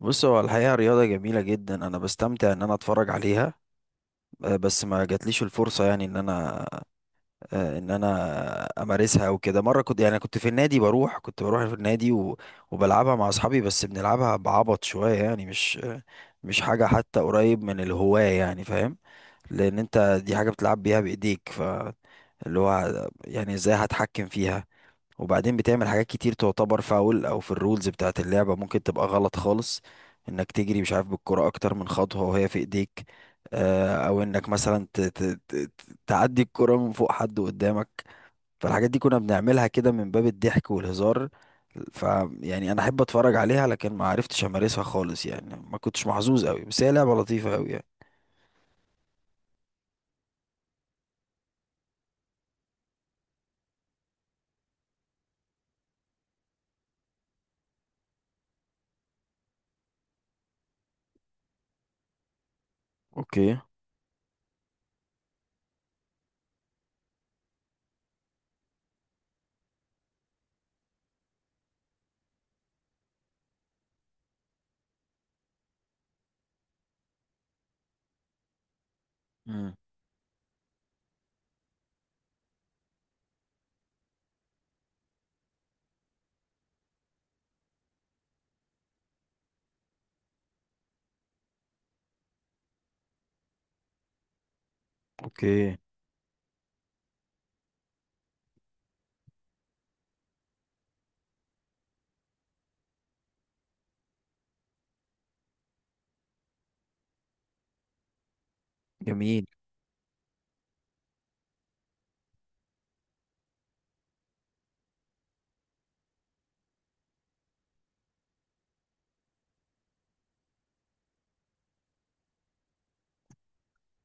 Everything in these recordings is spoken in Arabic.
بص، هو الحقيقة رياضة جميلة جدا، أنا بستمتع إن أنا أتفرج عليها. بس ما جاتليش الفرصة يعني إن أنا أمارسها أو كده. مرة كنت في النادي، كنت بروح في النادي و... وبلعبها مع أصحابي، بس بنلعبها بعبط شوية، يعني مش حاجة حتى قريب من الهواية، يعني فاهم؟ لأن أنت دي حاجة بتلعب بيها بإيديك، فاللي هو يعني إزاي هتحكم فيها؟ وبعدين بتعمل حاجات كتير تعتبر فاول، او في الرولز بتاعة اللعبة ممكن تبقى غلط خالص، انك تجري مش عارف بالكرة اكتر من خطوة وهي في ايديك، او انك مثلا تعدي الكرة من فوق حد قدامك. فالحاجات دي كنا بنعملها كده من باب الضحك والهزار. ف يعني انا احب اتفرج عليها، لكن ما عرفتش امارسها خالص، يعني ما كنتش محظوظ قوي، بس هي لعبة لطيفة قوي يعني. اوكي. امم. اوكي. جميل.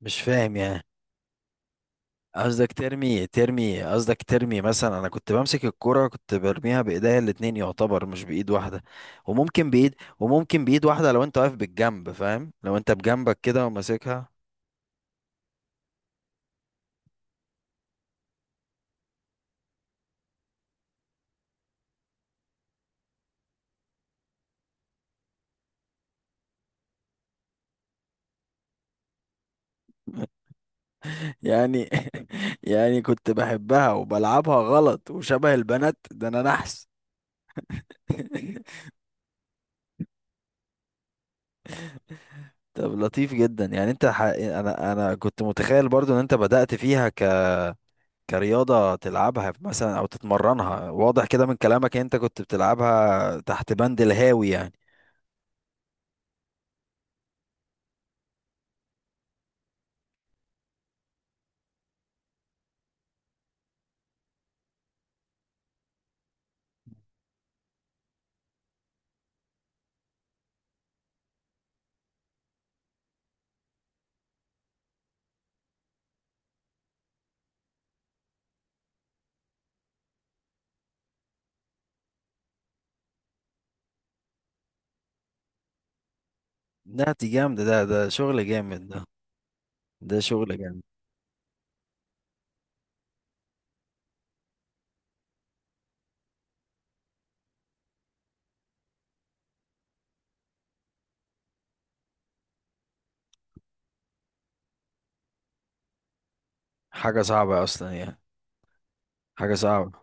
مش فاهم يعني. قصدك ترمي مثلا؟ انا كنت بمسك الكرة، كنت برميها بايديا الاتنين، يعتبر مش بايد واحدة. وممكن بايد واحدة لو انت واقف بالجنب، فاهم؟ لو انت بجنبك كده وماسكها. يعني. يعني كنت بحبها وبلعبها غلط وشبه البنات، ده انا نحس. طب لطيف جدا يعني. انت انا كنت متخيل برضو ان انت بدأت فيها كرياضة تلعبها مثلا أو تتمرنها. واضح كده من كلامك إن أنت كنت بتلعبها تحت بند الهاوي يعني. لا، دي جامدة. ده شغل جامد ده. ده شغل جامد. حاجة صعبة أصلا يعني. حاجة صعبة.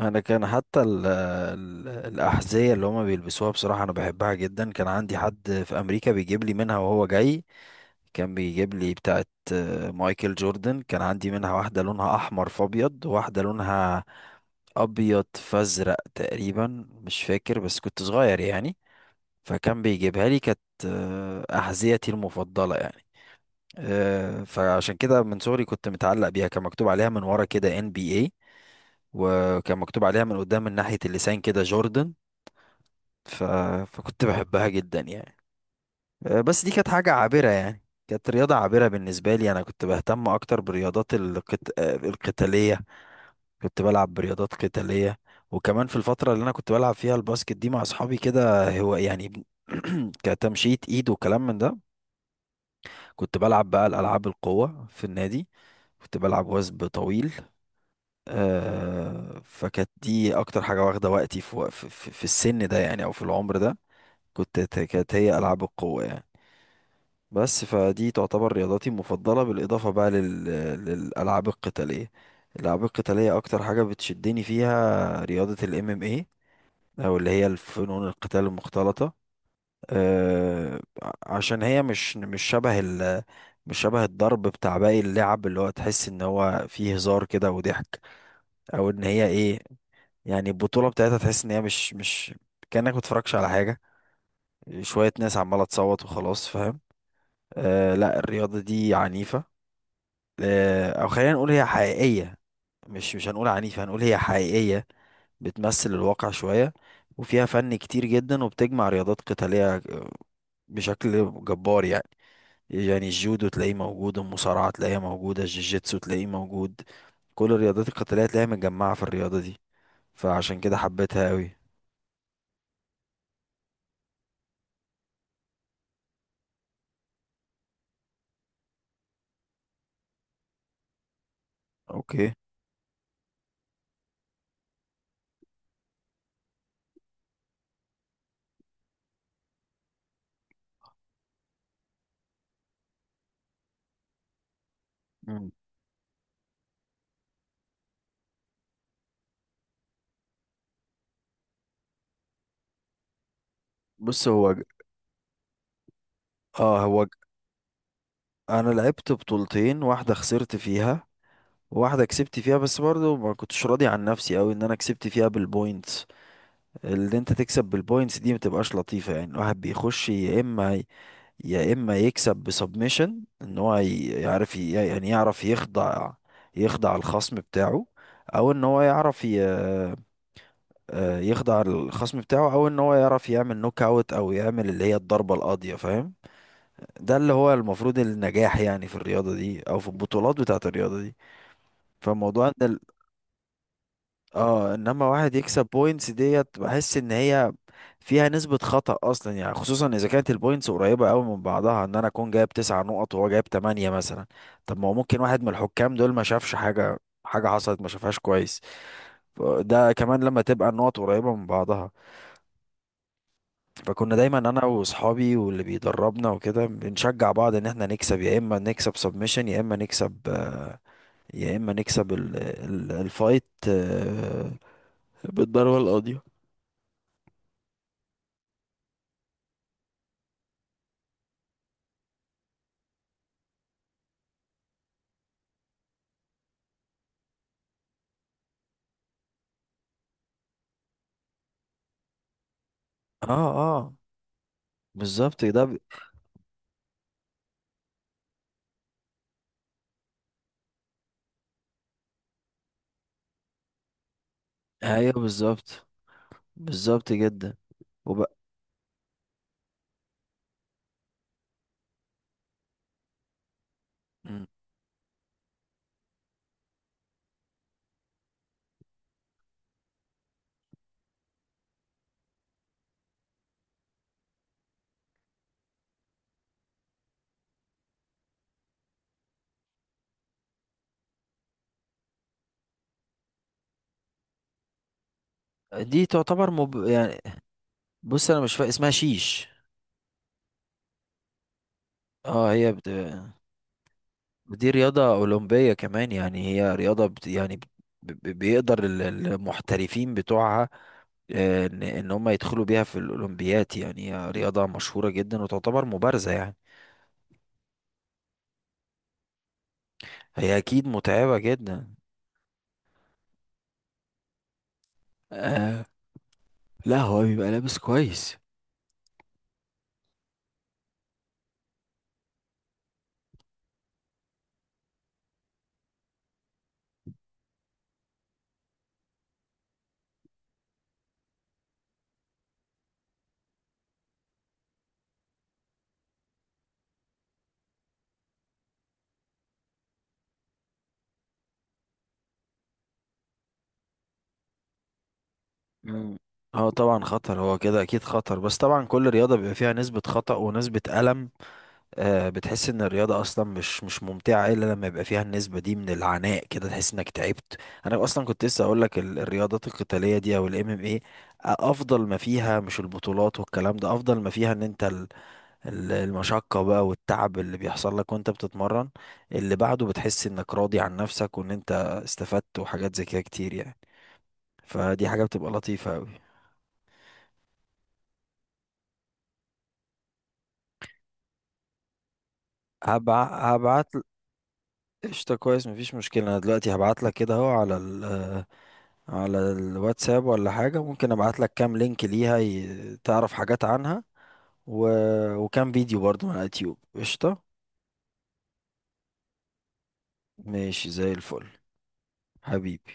انا كان حتى ال الاحذيه اللي هما بيلبسوها، بصراحه انا بحبها جدا. كان عندي حد في امريكا بيجيب لي منها وهو جاي، كان بيجيب لي بتاعه، مايكل جوردن. كان عندي منها واحده لونها احمر في ابيض، واحده لونها ابيض فازرق تقريبا، مش فاكر بس كنت صغير يعني. فكان بيجيبها لي، كانت احذيتي المفضله يعني. فعشان كده من صغري كنت متعلق بيها. كان مكتوب عليها من ورا كده NBA، وكان مكتوب عليها من قدام من ناحية اللسان كده جوردن. ف... فكنت بحبها جدا يعني. بس دي كانت حاجة عابرة يعني، كانت رياضة عابرة بالنسبة لي. أنا كنت بهتم أكتر برياضات القتالية. كنت بلعب برياضات قتالية، وكمان في الفترة اللي أنا كنت بلعب فيها الباسكت دي مع أصحابي كده، هو يعني كتمشية إيد وكلام من ده. كنت بلعب بقى الألعاب القوة في النادي، كنت بلعب وثب طويل. فكانت دي اكتر حاجه واخده وقتي في السن ده يعني، او في العمر ده. كانت هي العاب القوه يعني. بس فدي تعتبر رياضاتي المفضله، بالاضافه بقى للالعاب القتاليه اكتر حاجه بتشدني فيها رياضه الـMMA، او اللي هي الفنون القتال المختلطه. عشان هي مش شبه الضرب بتاع باقي اللعب، اللي هو تحس ان هو فيه هزار كده وضحك، او ان هي ايه؟ يعني البطولة بتاعتها تحس ان هي مش كأنك متفرجش على حاجة، شوية ناس عمالة تصوت وخلاص، فاهم؟ آه لا، الرياضة دي عنيفة. او خلينا نقول هي حقيقية، مش هنقول عنيفة، هنقول هي حقيقية، بتمثل الواقع شوية. وفيها فن كتير جدا، وبتجمع رياضات قتالية بشكل جبار يعني. يعني الجودو تلاقيه موجود، المصارعة تلاقيها موجودة، الجيجيتسو تلاقيه موجود، كل الرياضات القتالية تلاقيها متجمعة في الرياضة دي، فعشان كده حبيتها قوي. اوكي. بص، هو ج- اه هو ج- انا لعبت بطولتين، واحده خسرت فيها، واحده كسبت فيها، بس برضو ما كنتش راضي عن نفسي قوي ان انا كسبت فيها بالبوينتس. اللي انت تكسب بالبوينتس دي متبقاش لطيفه، يعني الواحد بيخش يا اما يكسب بسبمشن، ان هو ي- يعرف ي- يعني يعرف يخضع، يخضع الخصم بتاعه. او ان هو يعرف يخضع الخصم بتاعه، او ان هو يعرف يعمل نوك اوت او يعمل اللي هي الضربه القاضيه، فاهم؟ ده اللي هو المفروض النجاح يعني في الرياضة دي، او في البطولات بتاعة الرياضة دي. فموضوع ان اه، انما واحد يكسب بوينتس ديت، بحس ان هي فيها نسبة خطأ اصلا يعني، خصوصا اذا كانت البوينتس قريبة قوي من بعضها. ان انا اكون جايب 9 نقط وهو جايب 8 مثلا، طب ما هو ممكن واحد من الحكام دول ما شافش حاجة، حاجة حصلت ما شافهاش كويس. ده كمان لما تبقى النقط قريبة من بعضها. فكنا دايما انا واصحابي واللي بيدربنا وكده بنشجع بعض ان احنا نكسب، يا اما نكسب سبمشن، يا اما نكسب يا اما نكسب الفايت بالضربة القاضية. اه اه، بالظبط. ايوه بالظبط، بالظبط جدا. وبقى يعني، بص انا مش فاهم اسمها شيش. اه، هي دي رياضة أولمبية كمان، يعني هي رياضة بيقدر المحترفين بتوعها ان هم يدخلوا بيها في الاولمبيات، يعني هي رياضة مشهورة جدا وتعتبر مبارزة يعني. هي اكيد متعبة جدا. آه، لا هو بيبقى لابس كويس. مم. اه طبعا خطر، هو كده اكيد خطر، بس طبعا كل رياضة بيبقى فيها نسبة خطأ ونسبة ألم. بتحس ان الرياضة اصلا مش ممتعة الا لما يبقى فيها النسبة دي من العناء كده، تحس انك تعبت. انا اصلا كنت لسه اقول لك الرياضات القتالية دي، او الـMMA، افضل ما فيها مش البطولات والكلام ده، افضل ما فيها ان انت المشقة بقى والتعب اللي بيحصل لك وانت بتتمرن، اللي بعده بتحس انك راضي عن نفسك وان انت استفدت وحاجات زي كده كتير يعني. فدي حاجة بتبقى لطيفة أوي. هبع... هبعت. قشطة، كويس مفيش مشكلة. أنا دلوقتي هبعت لك كده أهو على على الواتساب ولا حاجة. ممكن أبعت لك كام لينك ليها تعرف حاجات عنها، و... وكام فيديو برضو من على اليوتيوب. قشطة. ماشي زي الفل حبيبي.